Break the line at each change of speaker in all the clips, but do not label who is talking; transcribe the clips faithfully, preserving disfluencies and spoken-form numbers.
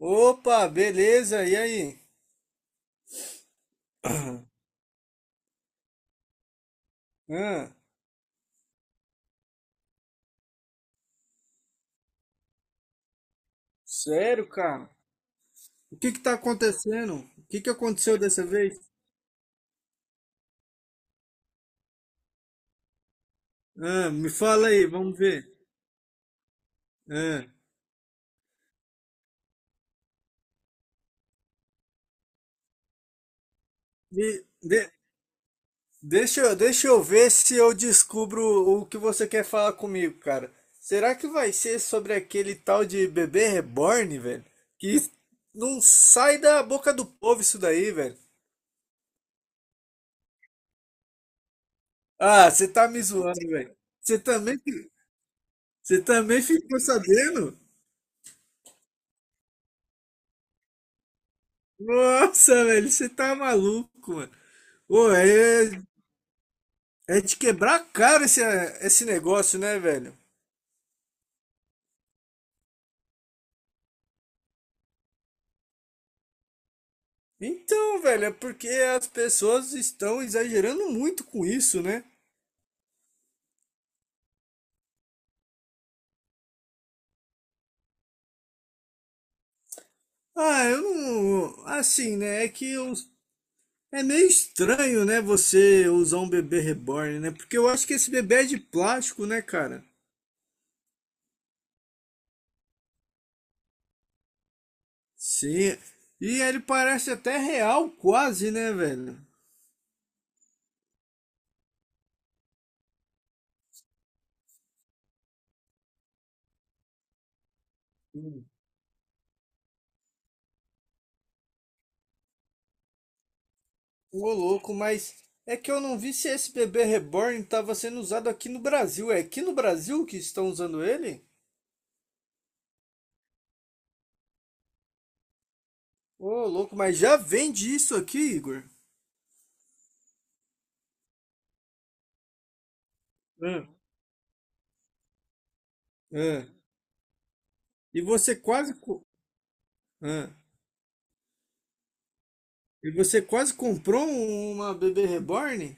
Opa, beleza? E aí? Hã? Sério, cara? O que que tá acontecendo? O que que aconteceu dessa vez? Hã? Me fala aí, vamos ver. Hã? me- de- Deixa, eu- deixa eu ver se eu descubro o que você quer falar comigo, cara. Será que vai ser sobre aquele tal de bebê reborn, velho? Que não sai da boca do povo isso daí, velho. Ah, você tá me zoando, velho. Você também, você também ficou sabendo? Nossa, velho, você tá maluco, mano. Ô, é, é de quebrar a cara esse, esse negócio, né, velho? Então, velho, é porque as pessoas estão exagerando muito com isso, né? Ah, eu não. Assim, né? É que eu- é meio estranho, né, você usar um bebê reborn, né? Porque eu acho que esse bebê é de plástico, né, cara? Sim. E ele parece até real, quase, né, velho? Ô louco, mas é que eu não vi se esse bebê reborn estava sendo usado aqui no Brasil. É aqui no Brasil que estão usando ele? Ô louco, mas já vende isso aqui, Igor? Ah, ah. E você quase co- ah. E você quase comprou um- uma bebê reborn?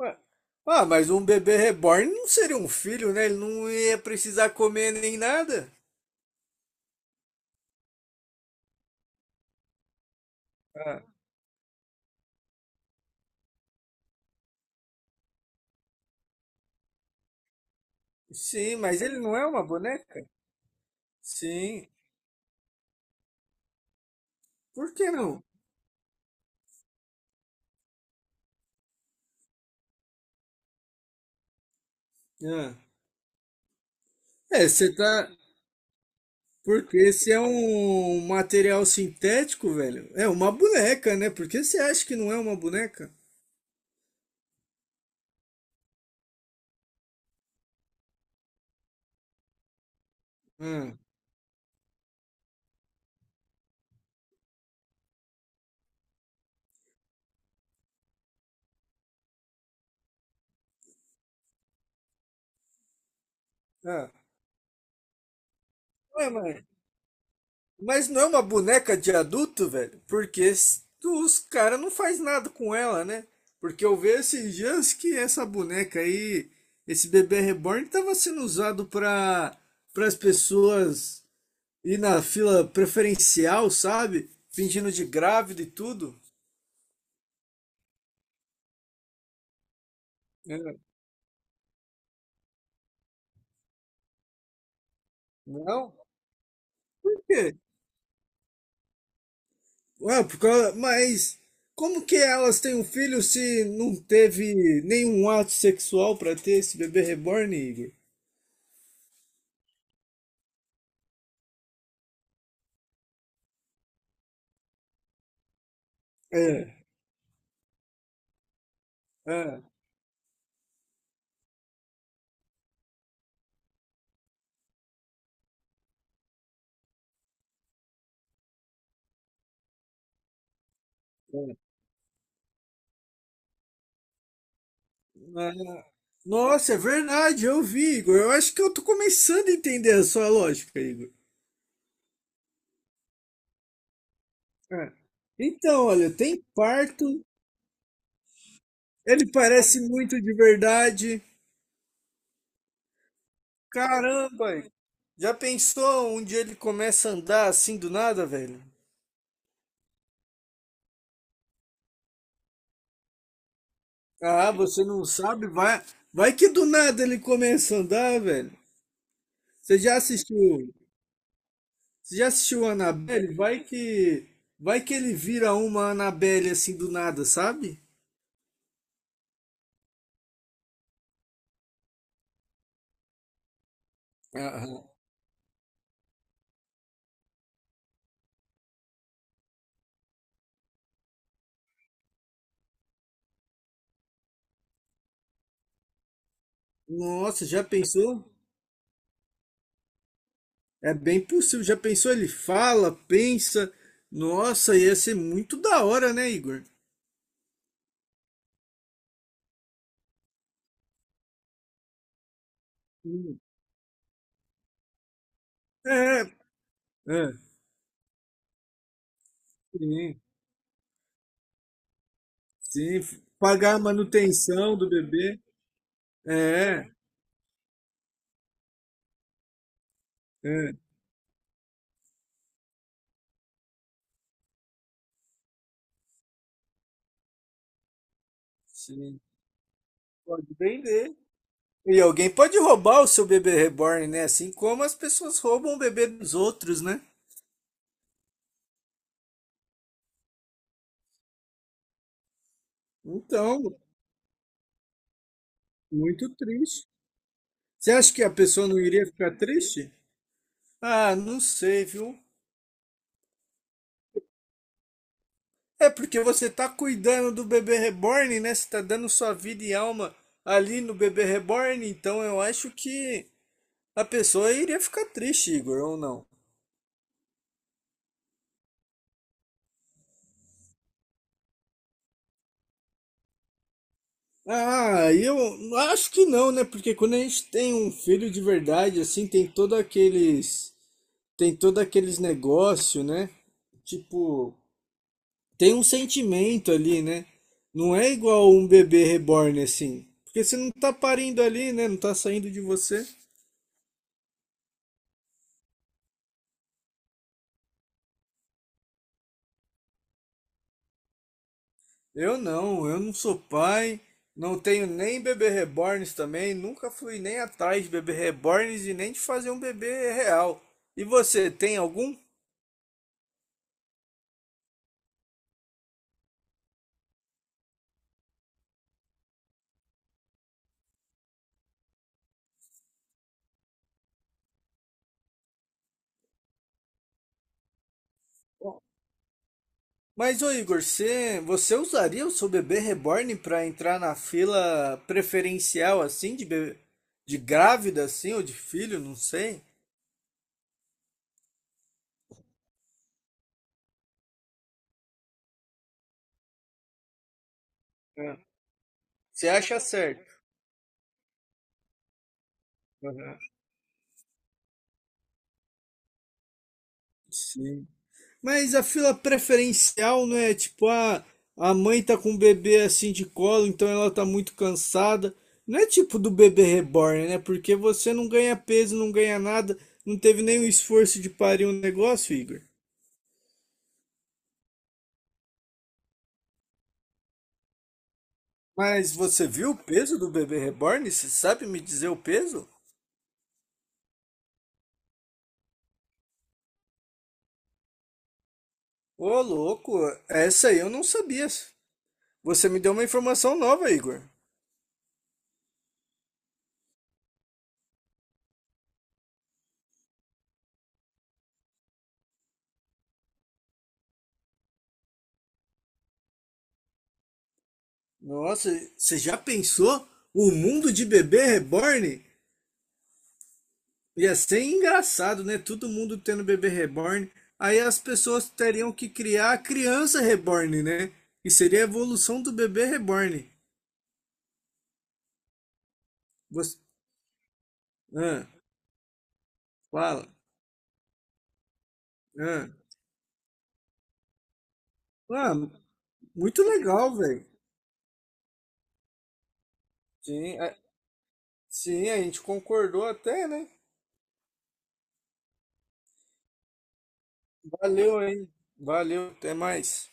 Ué, ah, mas um bebê reborn não seria um filho, né? Ele não ia precisar comer nem nada. Ah, sim, mas ele não é uma boneca? Sim. Por que não? Ah. É, você tá. Porque esse é um material sintético, velho. É uma boneca, né? Por que você acha que não é uma boneca? Hum. Ah. Ué, mas, mas não é uma boneca de adulto, velho? Porque s- os caras não faz nada com ela, né? Porque eu vejo esses dias que essa boneca aí, esse bebê reborn, tava sendo usado para as pessoas ir na fila preferencial, sabe? Fingindo de grávida e tudo. É. Não? Por quê? Ué, por causa- mas como que elas têm um filho se não teve nenhum ato sexual pra ter esse bebê reborn, Igor? É, é, é. Ah, nossa, é verdade, eu vi, Igor. Eu acho que eu tô começando a entender a sua lógica, Igor. É. Então, olha, tem parto, ele parece muito de verdade. Caramba, Igor. Já pensou um dia ele começa a andar assim do nada, velho? Ah, você não sabe? Vai, vai que do nada ele começa a andar, velho. Você já assistiu? Você já assistiu Annabelle? Vai que, vai que ele vira uma Annabelle assim do nada, sabe? Aham. Nossa, já pensou? É bem possível. Já pensou? Ele fala, pensa. Nossa, ia ser muito da hora, né, Igor? Hum. É, é, sim, sim. Pagar a manutenção do bebê. É, é, sim. Pode vender. E alguém pode roubar o seu bebê reborn, né? Assim como as pessoas roubam o bebê dos outros, né? Então, muito triste. Você acha que a pessoa não iria ficar triste? Ah, não sei, viu? É porque você tá cuidando do bebê reborn, né? Você tá dando sua vida e alma ali no bebê reborn, então eu acho que a pessoa iria ficar triste, Igor, ou não? Ah, eu acho que não, né? Porque quando a gente tem um filho de verdade, assim, tem todo aqueles tem todo aqueles negócio, né? Tipo, tem um sentimento ali, né? Não é igual um bebê reborn assim, porque você não tá parindo ali, né? Não tá saindo de você. Eu não, eu não sou pai, não tenho nem bebê reborns também, nunca fui nem atrás de bebê reborns e nem de fazer um bebê real. E você tem algum? Mas, ô Igor, você, você usaria o seu bebê reborn para entrar na fila preferencial, assim, de bebê, de grávida, assim, ou de filho, não sei? É. Você acha certo? Aham. Sim. Mas a fila preferencial não é tipo, ah, a mãe tá com o bebê assim de colo, então ela tá muito cansada. Não é tipo do bebê reborn, né? Porque você não ganha peso, não ganha nada, não teve nenhum esforço de parir um negócio, Igor. Mas você viu o peso do bebê reborn? Você sabe me dizer o peso? Ô, louco, essa aí eu não sabia. Você me deu uma informação nova, Igor. Nossa, você já pensou? O mundo de bebê reborn? Ia ser engraçado, né? Todo mundo tendo bebê reborn. Aí as pessoas teriam que criar a criança reborn, né? E seria a evolução do bebê reborn. Você... Ah, fala. Ah, ah, muito legal, velho. Sim, sim, a gente concordou até, né? Valeu aí. Valeu, até mais.